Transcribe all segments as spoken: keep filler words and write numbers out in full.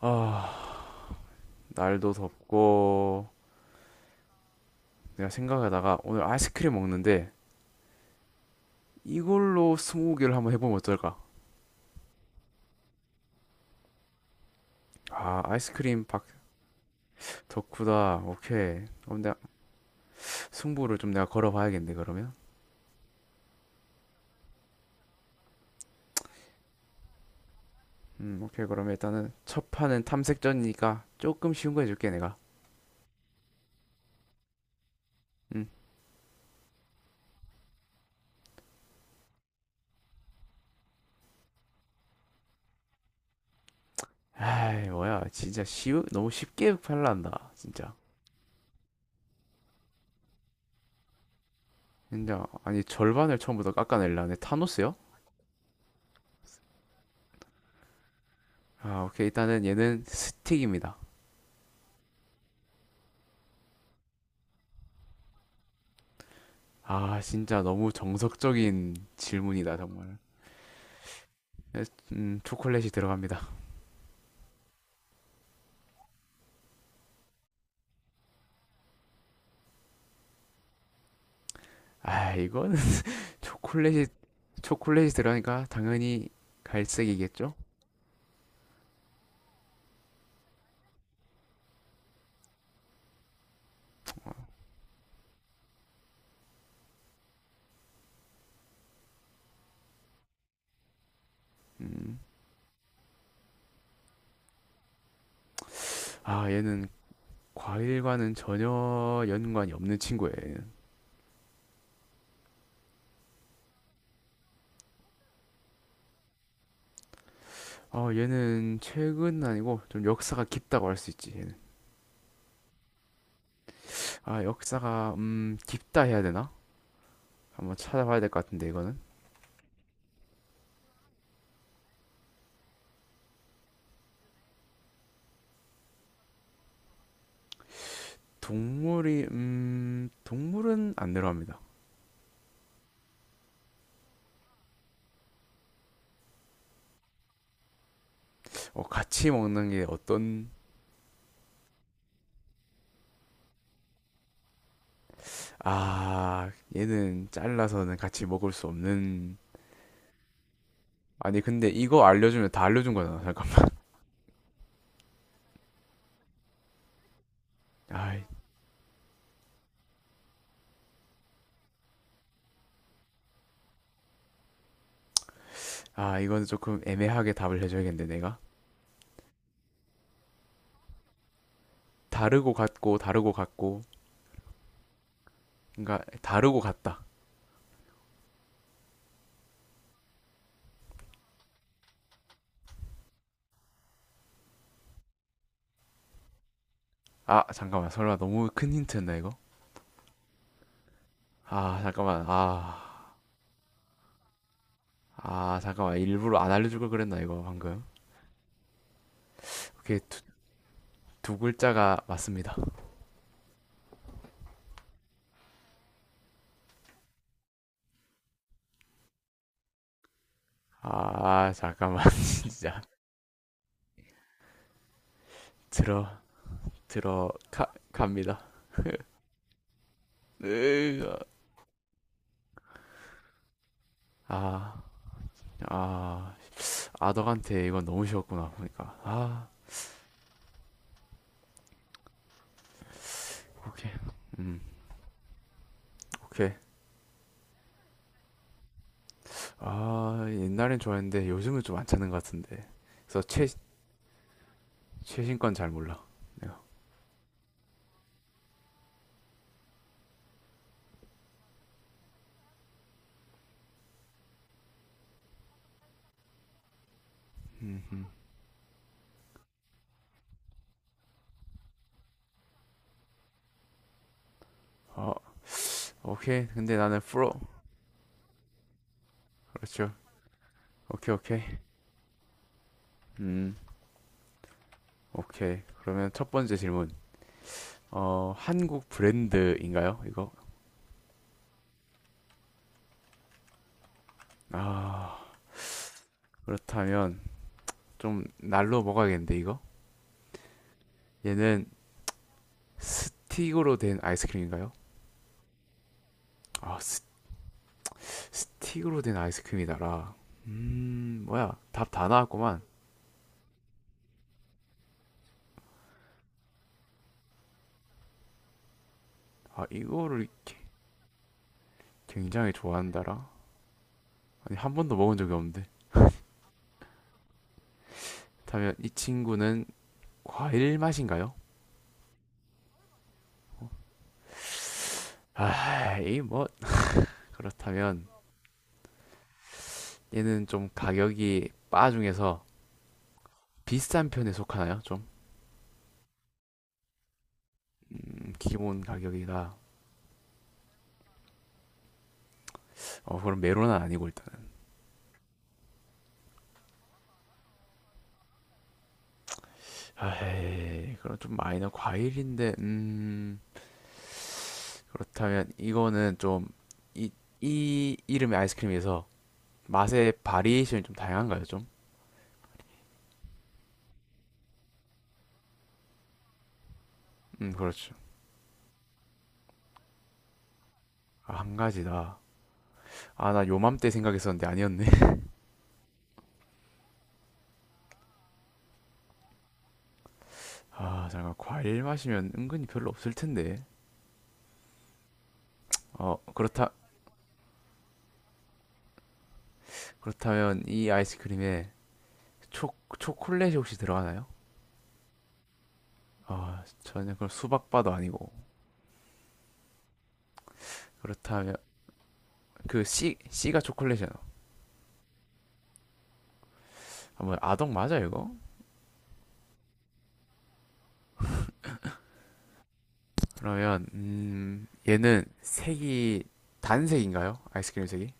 아, 날도 덥고 내가 생각하다가 오늘 아이스크림 먹는데 이걸로 스무고개를 한번 해보면 어떨까? 아, 아이스크림 박 덕후다. 오케이. 그럼 내가 승부를 좀 내가 걸어봐야겠네, 그러면. 음, 오케이. 그러면 일단은 첫 판은 탐색전이니까 조금 쉬운 거 해줄게, 내가. 음. 아이, 뭐야. 진짜 쉬우, 너무 쉽게 팔란다. 진짜. 진짜. 아니, 절반을 처음부터 깎아내려네. 타노스요? 아, 오케이. 일단은 얘는 스틱입니다. 아, 진짜 너무 정석적인 질문이다, 정말. 음, 초콜릿이 들어갑니다. 아, 이거는 초콜릿이, 초콜릿이 들어가니까 당연히 갈색이겠죠? 음, 아, 얘는 과일과는 전혀 연관이 없는 친구예요, 얘는. 어, 얘는 최근 아니고 좀 역사가 깊다고 할 수 있지, 얘는. 아, 역사가, 음, 깊다 해야 되나? 한번 찾아봐야 될 것 같은데, 이거는. 동물이, 음, 동물은 안 들어갑니다. 어, 같이 먹는 게 어떤. 아, 얘는 잘라서는 같이 먹을 수 없는. 아니, 근데 이거 알려주면 다 알려준 거잖아. 잠깐만. 아, 아, 이거는 조금 애매하게 답을 해줘야겠는데, 내가. 다르고 같고, 다르고 같고. 그러니까, 다르고 같다. 아, 잠깐만. 설마 너무 큰 힌트였나, 이거? 아, 잠깐만. 아, 아, 잠깐만. 일부러 안 알려줄 걸 그랬나, 이거, 방금. 렇게 두, 두 글자가 맞습니다. 아, 잠깐만. 진짜. 들어, 들어, 가, 갑니다. 으아. 아. 아, 아덕한테 이건 너무 쉬웠구나, 보니까. 아, 오케이. 음, 오케이. 아, 옛날엔 좋아했는데 요즘은 좀 안 찾는 것 같은데. 그래서 최, 최신 건 잘 몰라. 내가. 음, 음. 어, 오케이. 근데 나는 프로. 그렇죠. 오케이, 오케이. 음, 오케이. 그러면 첫 번째 질문. 어, 한국 브랜드인가요? 이거? 아, 그렇다면 좀 날로 먹어야겠는데, 이거? 얘는 스틱으로 된 아이스크림인가요? 아, 스, 스틱으로 된 아이스크림이다라. 음, 뭐야. 답 다 나왔구만. 아, 이거를 굉장히 좋아한다라. 아니, 한 번도 먹은 적이 없는데. 그렇다면 이 친구는 과일 맛인가요? 아, 이 뭐, 그렇다면 얘는 좀 가격이 바 중에서 비싼 편에 속하나요? 좀. 음, 기본 가격이다. 어, 그럼 메론은 아니고 일단은. 아, 그럼 좀 마이너 과일인데, 음. 그렇다면 이거는 좀. 이, 이 이름의 아이스크림에서 맛의 바리에이션이 좀 다양한가요, 좀? 음, 그렇죠. 아, 한 가지다. 아, 나 요맘때 생각했었는데 아니었네. 아, 잠깐 과일 마시면 은근히 별로 없을 텐데. 어, 그렇다 그렇다면 이 아이스크림에 초 초콜릿이 혹시 들어가나요? 아, 전혀 그럼 수박바도 아니고. 그렇다면 그 씨.. 씨가 초콜릿이잖아. 아, 뭐 아동 맞아 이거? 그러면 음, 얘는 색이 단색인가요? 아이스크림 색이?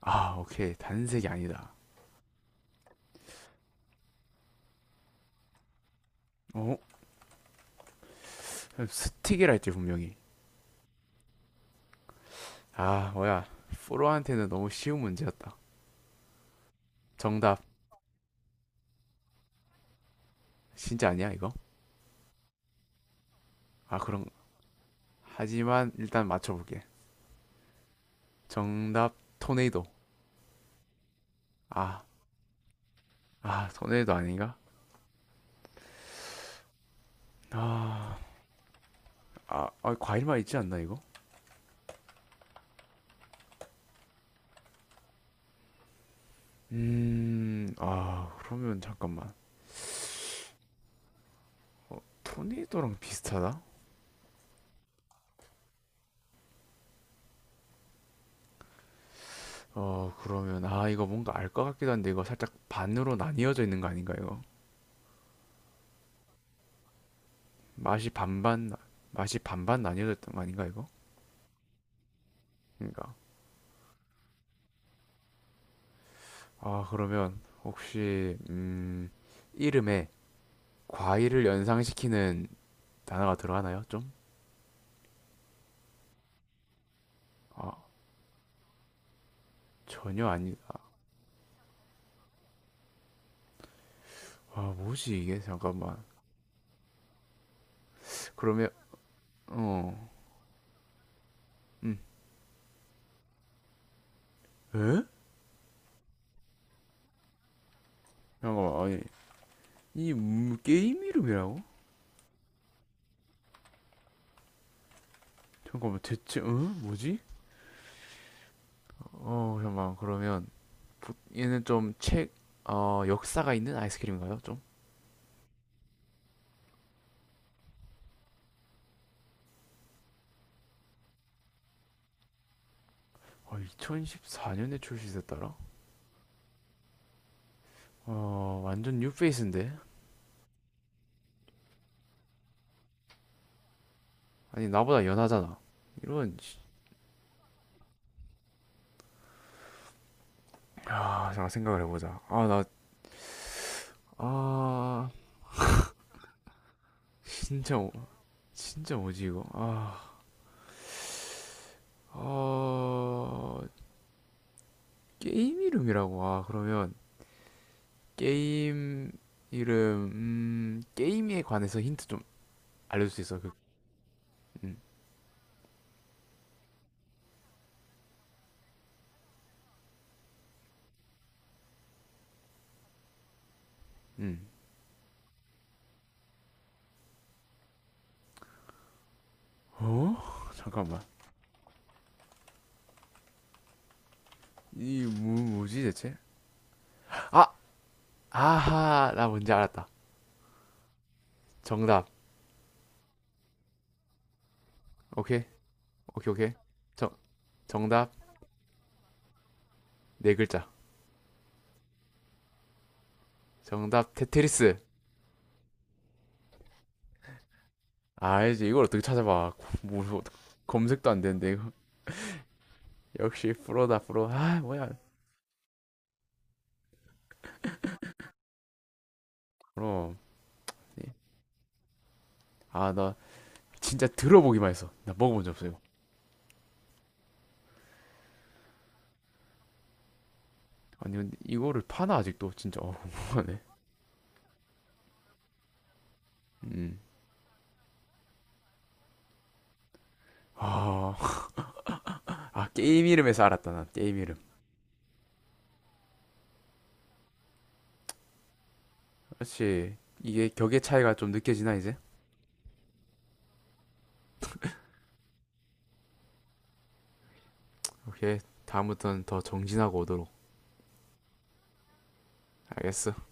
아, 오케이. 단색이 아니다. 어? 스틱이라 했지 분명히. 아, 뭐야. 프로한테는 너무 쉬운 문제였다. 정답. 진짜 아니야 이거? 아, 그럼 하지만 일단 맞춰볼게. 정답 토네이도. 아, 아 토네이도 아닌가? 아, 아, 아 과일만 있지 않나 이거? 음, 아 그러면 잠깐만. 토네이도랑 비슷하다? 어, 그러면, 아, 이거 뭔가 알 것 같기도 한데, 이거 살짝 반으로 나뉘어져 있는 거 아닌가, 이거? 맛이 반반, 맛이 반반 나뉘어져 있던 거 아닌가, 이거? 그러니까. 아, 그러면, 혹시, 음, 이름에 과일을 연상시키는 단어가 들어가나요, 좀? 아, 전혀 아니다. 아, 뭐지, 이게? 잠깐만. 그러면, 어, 음, 에? 잠깐만, 아니, 이 음, 게임 이름이라고? 잠깐만, 대체, 응? 뭐지? 어, 잠깐만, 그러면, 얘는 좀 책, 어, 역사가 있는 아이스크림인가요? 좀? 어, 이천십사 년에 출시됐더라? 어, 완전 뉴페이스인데? 아니, 나보다 연하잖아. 이런, 아, 잠깐 생각을 해보자. 아, 나, 아, 진짜, 뭐- 진짜 뭐지, 이거? 아, 어, 게임 이름이라고. 아, 그러면, 게임 이름, 음, 게임에 관해서 힌트 좀 알려줄 수 있어? 그, 음, 음. 어? 잠깐만. 이, 뭐, 뭐지, 대체? 아! 아하, 나 뭔지 알았다. 정답. 오케이, 오케이, 오케이. 정, 정답 네 글자. 정답 테트리스. 아, 이제 이걸 어떻게 찾아봐? 뭐 뭐, 검색도 안 되는데 이거. 역시 프로다 프로. 아, 뭐야? 그럼. 네. 아, 나 진짜 들어보기만 했어. 나 먹어본 적 없어요. 아니, 근데 이거를 파나 아직도 진짜 어, 궁금하네. 음. 아, 아 게임 이름에서 알았다 난 게임 이름. 그렇지. 이게 격의 차이가 좀 느껴지나 이제? 오케이. 다음부터는 더 정진하고 오도록. 알겠어.